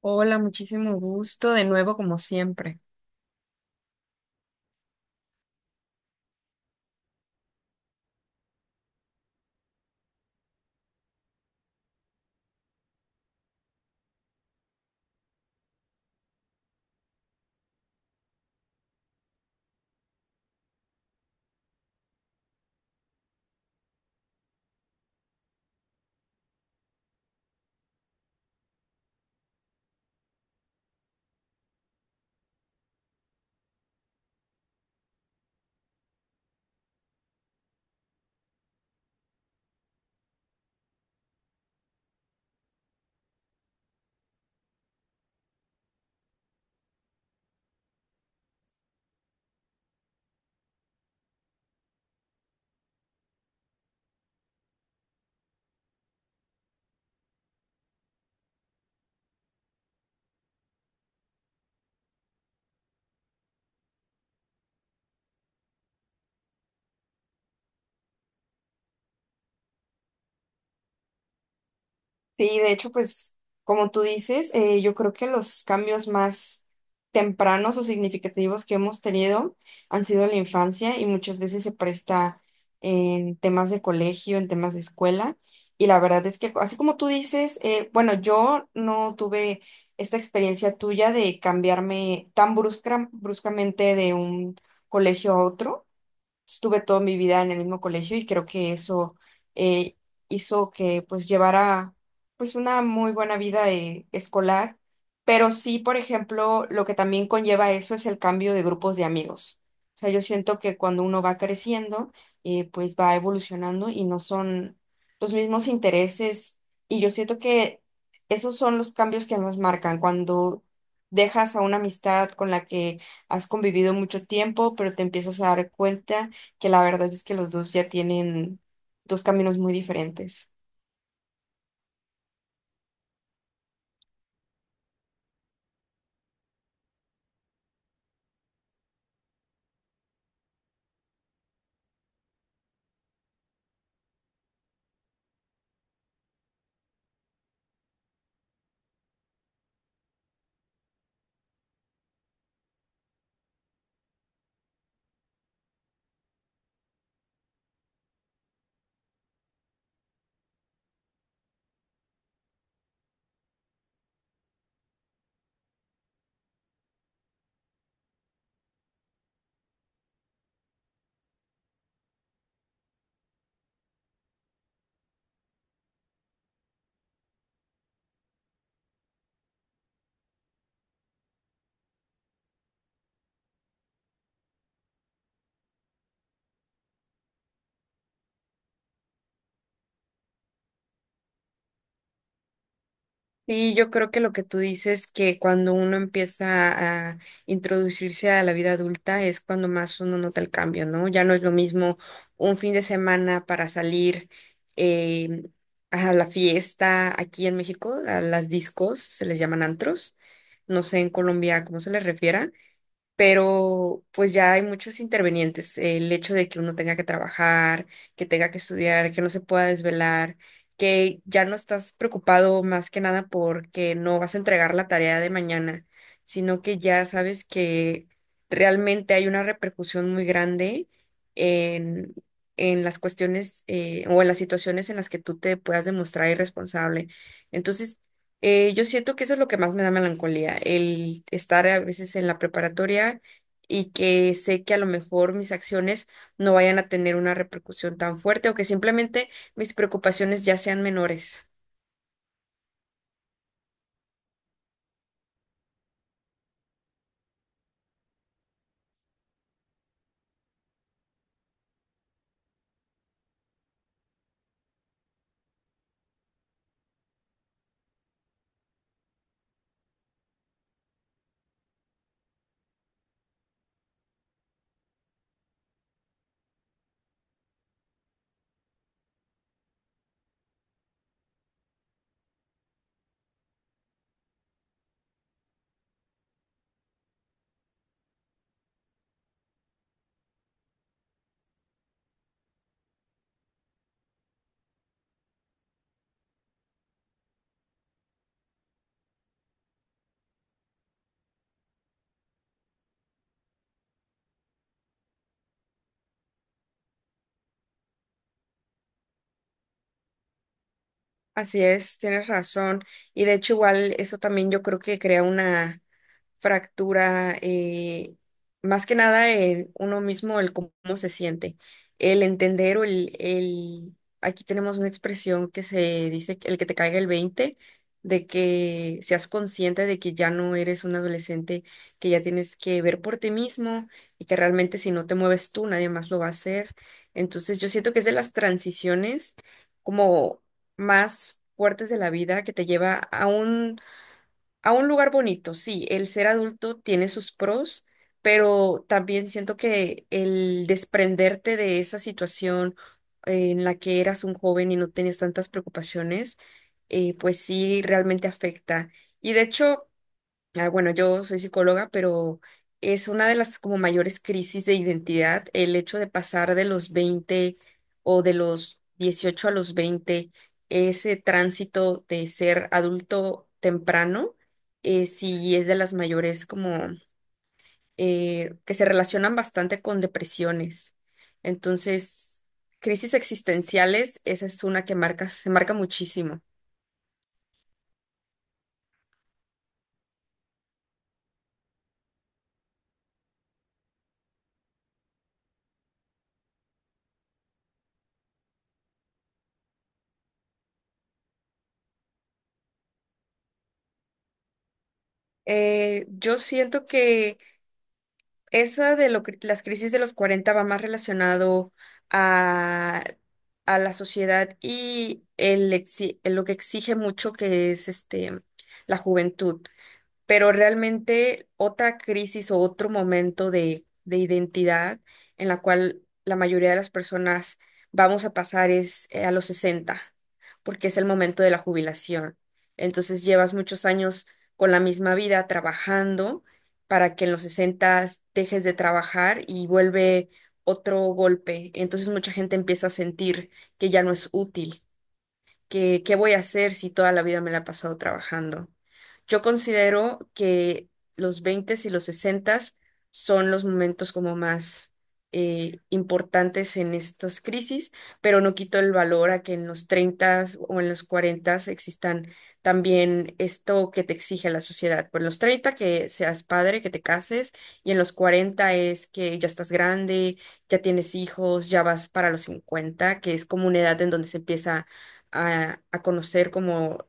Hola, muchísimo gusto de nuevo como siempre. Sí, de hecho, pues como tú dices, yo creo que los cambios más tempranos o significativos que hemos tenido han sido en la infancia y muchas veces se presta en temas de colegio, en temas de escuela. Y la verdad es que, así como tú dices, bueno, yo no tuve esta experiencia tuya de cambiarme tan bruscamente de un colegio a otro. Estuve toda mi vida en el mismo colegio y creo que eso eh, hizo que pues llevara pues una muy buena vida escolar, pero sí, por ejemplo, lo que también conlleva eso es el cambio de grupos de amigos. O sea, yo siento que cuando uno va creciendo, pues va evolucionando y no son los mismos intereses y yo siento que esos son los cambios que nos marcan cuando dejas a una amistad con la que has convivido mucho tiempo, pero te empiezas a dar cuenta que la verdad es que los dos ya tienen dos caminos muy diferentes. Y yo creo que lo que tú dices, que cuando uno empieza a introducirse a la vida adulta es cuando más uno nota el cambio, ¿no? Ya no es lo mismo un fin de semana para salir eh, a la fiesta aquí en México, a las discos, se les llaman antros, no sé en Colombia cómo se les refiera, pero pues ya hay muchos intervenientes. El hecho de que uno tenga que trabajar, que tenga que estudiar, que no se pueda desvelar, que ya no estás preocupado más que nada porque no vas a entregar la tarea de mañana, sino que ya sabes que realmente hay una repercusión muy grande en... en las cuestiones o en las situaciones en las que tú te puedas demostrar irresponsable. Entonces, yo siento que eso es lo que más me da melancolía, el estar a veces en la preparatoria y que sé que a lo mejor mis acciones no vayan a tener una repercusión tan fuerte o que simplemente mis preocupaciones ya sean menores. Así es, tienes razón. Y de hecho, igual eso también yo creo que crea una fractura, más que nada en uno mismo, el cómo se siente, el entender o aquí tenemos una expresión que se dice que el que te caiga el 20 de que seas consciente de que ya no eres un adolescente, que ya tienes que ver por ti mismo y que realmente si no te mueves tú, nadie más lo va a hacer. Entonces yo siento que es de las transiciones como más fuertes de la vida que te lleva a a un lugar bonito. Sí, el ser adulto tiene sus pros, pero también siento que el desprenderte de esa situación en la que eras un joven y no tenías tantas preocupaciones, pues sí, realmente afecta. Y de hecho, ah, bueno, yo soy psicóloga, pero es una de las como mayores crisis de identidad el hecho de pasar de los veinte o de los 18 a los veinte, ese tránsito de ser adulto temprano, sí es de las mayores como que se relacionan bastante con depresiones. Entonces, crisis existenciales, esa es una que marca, se marca muchísimo. Yo siento que esa las crisis de los 40 va más relacionado a, a la sociedad y lo que exige mucho que es este, la juventud. Pero realmente otra crisis o otro momento de identidad en la cual la mayoría de las personas vamos a pasar es a los 60 porque es el momento de la jubilación. Entonces llevas muchos años con la misma vida trabajando para que en los 60 dejes de trabajar y vuelve otro golpe. Entonces mucha gente empieza a sentir que ya no es útil, que qué voy a hacer si toda la vida me la he pasado trabajando. Yo considero que los 20 y los 60 son los momentos como más importantes en estas crisis, pero no quito el valor a que en los 30 o en los 40 existan también esto que te exige la sociedad. Por los 30 que seas padre, que te cases, y en los 40 es que ya estás grande, ya tienes hijos, ya vas para los 50, que es como una edad en donde se empieza a conocer como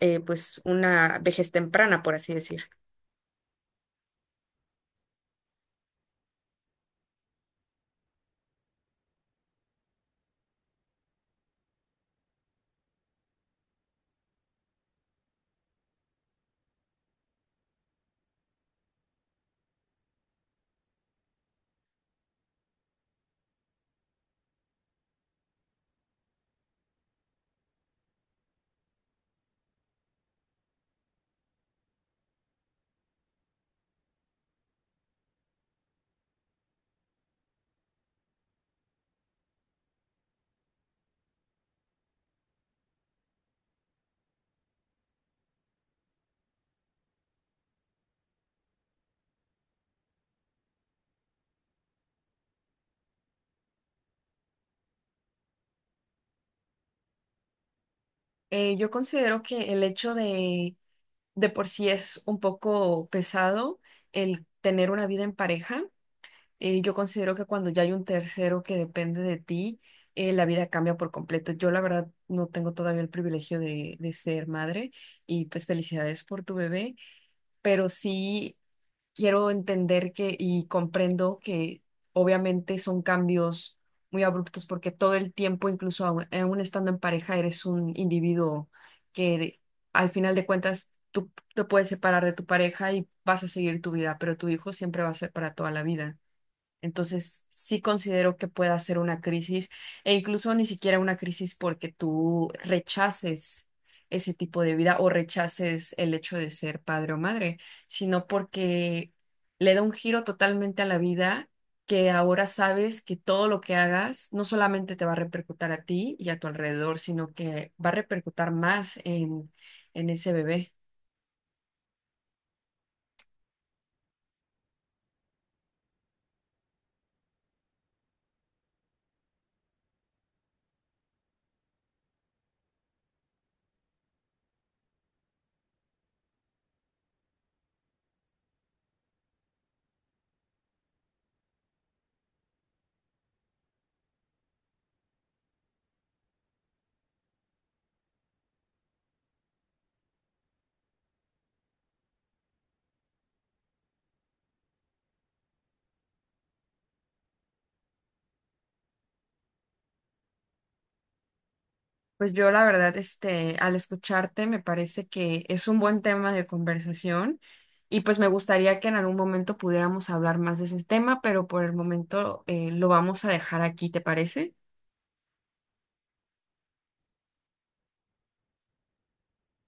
pues una vejez temprana, por así decir. Yo considero que el hecho de por sí es un poco pesado el tener una vida en pareja. Yo considero que cuando ya hay un tercero que depende de ti, la vida cambia por completo. Yo la verdad no tengo todavía el privilegio de ser madre y pues felicidades por tu bebé, pero sí, quiero entender que y comprendo que obviamente son cambios muy abruptos porque todo el tiempo, incluso aún estando en pareja, eres un individuo que al final de cuentas tú te puedes separar de tu pareja y vas a seguir tu vida, pero tu hijo siempre va a ser para toda la vida. Entonces, sí considero que pueda ser una crisis, e incluso ni siquiera una crisis porque tú rechaces ese tipo de vida o rechaces el hecho de ser padre o madre, sino porque le da un giro totalmente a la vida, que ahora sabes que todo lo que hagas no solamente te va a repercutir a ti y a tu alrededor, sino que va a repercutir más en ese bebé. Pues yo la verdad, este, al escucharte me parece que es un buen tema de conversación y pues me gustaría que en algún momento pudiéramos hablar más de ese tema, pero por el momento lo vamos a dejar aquí, ¿te parece?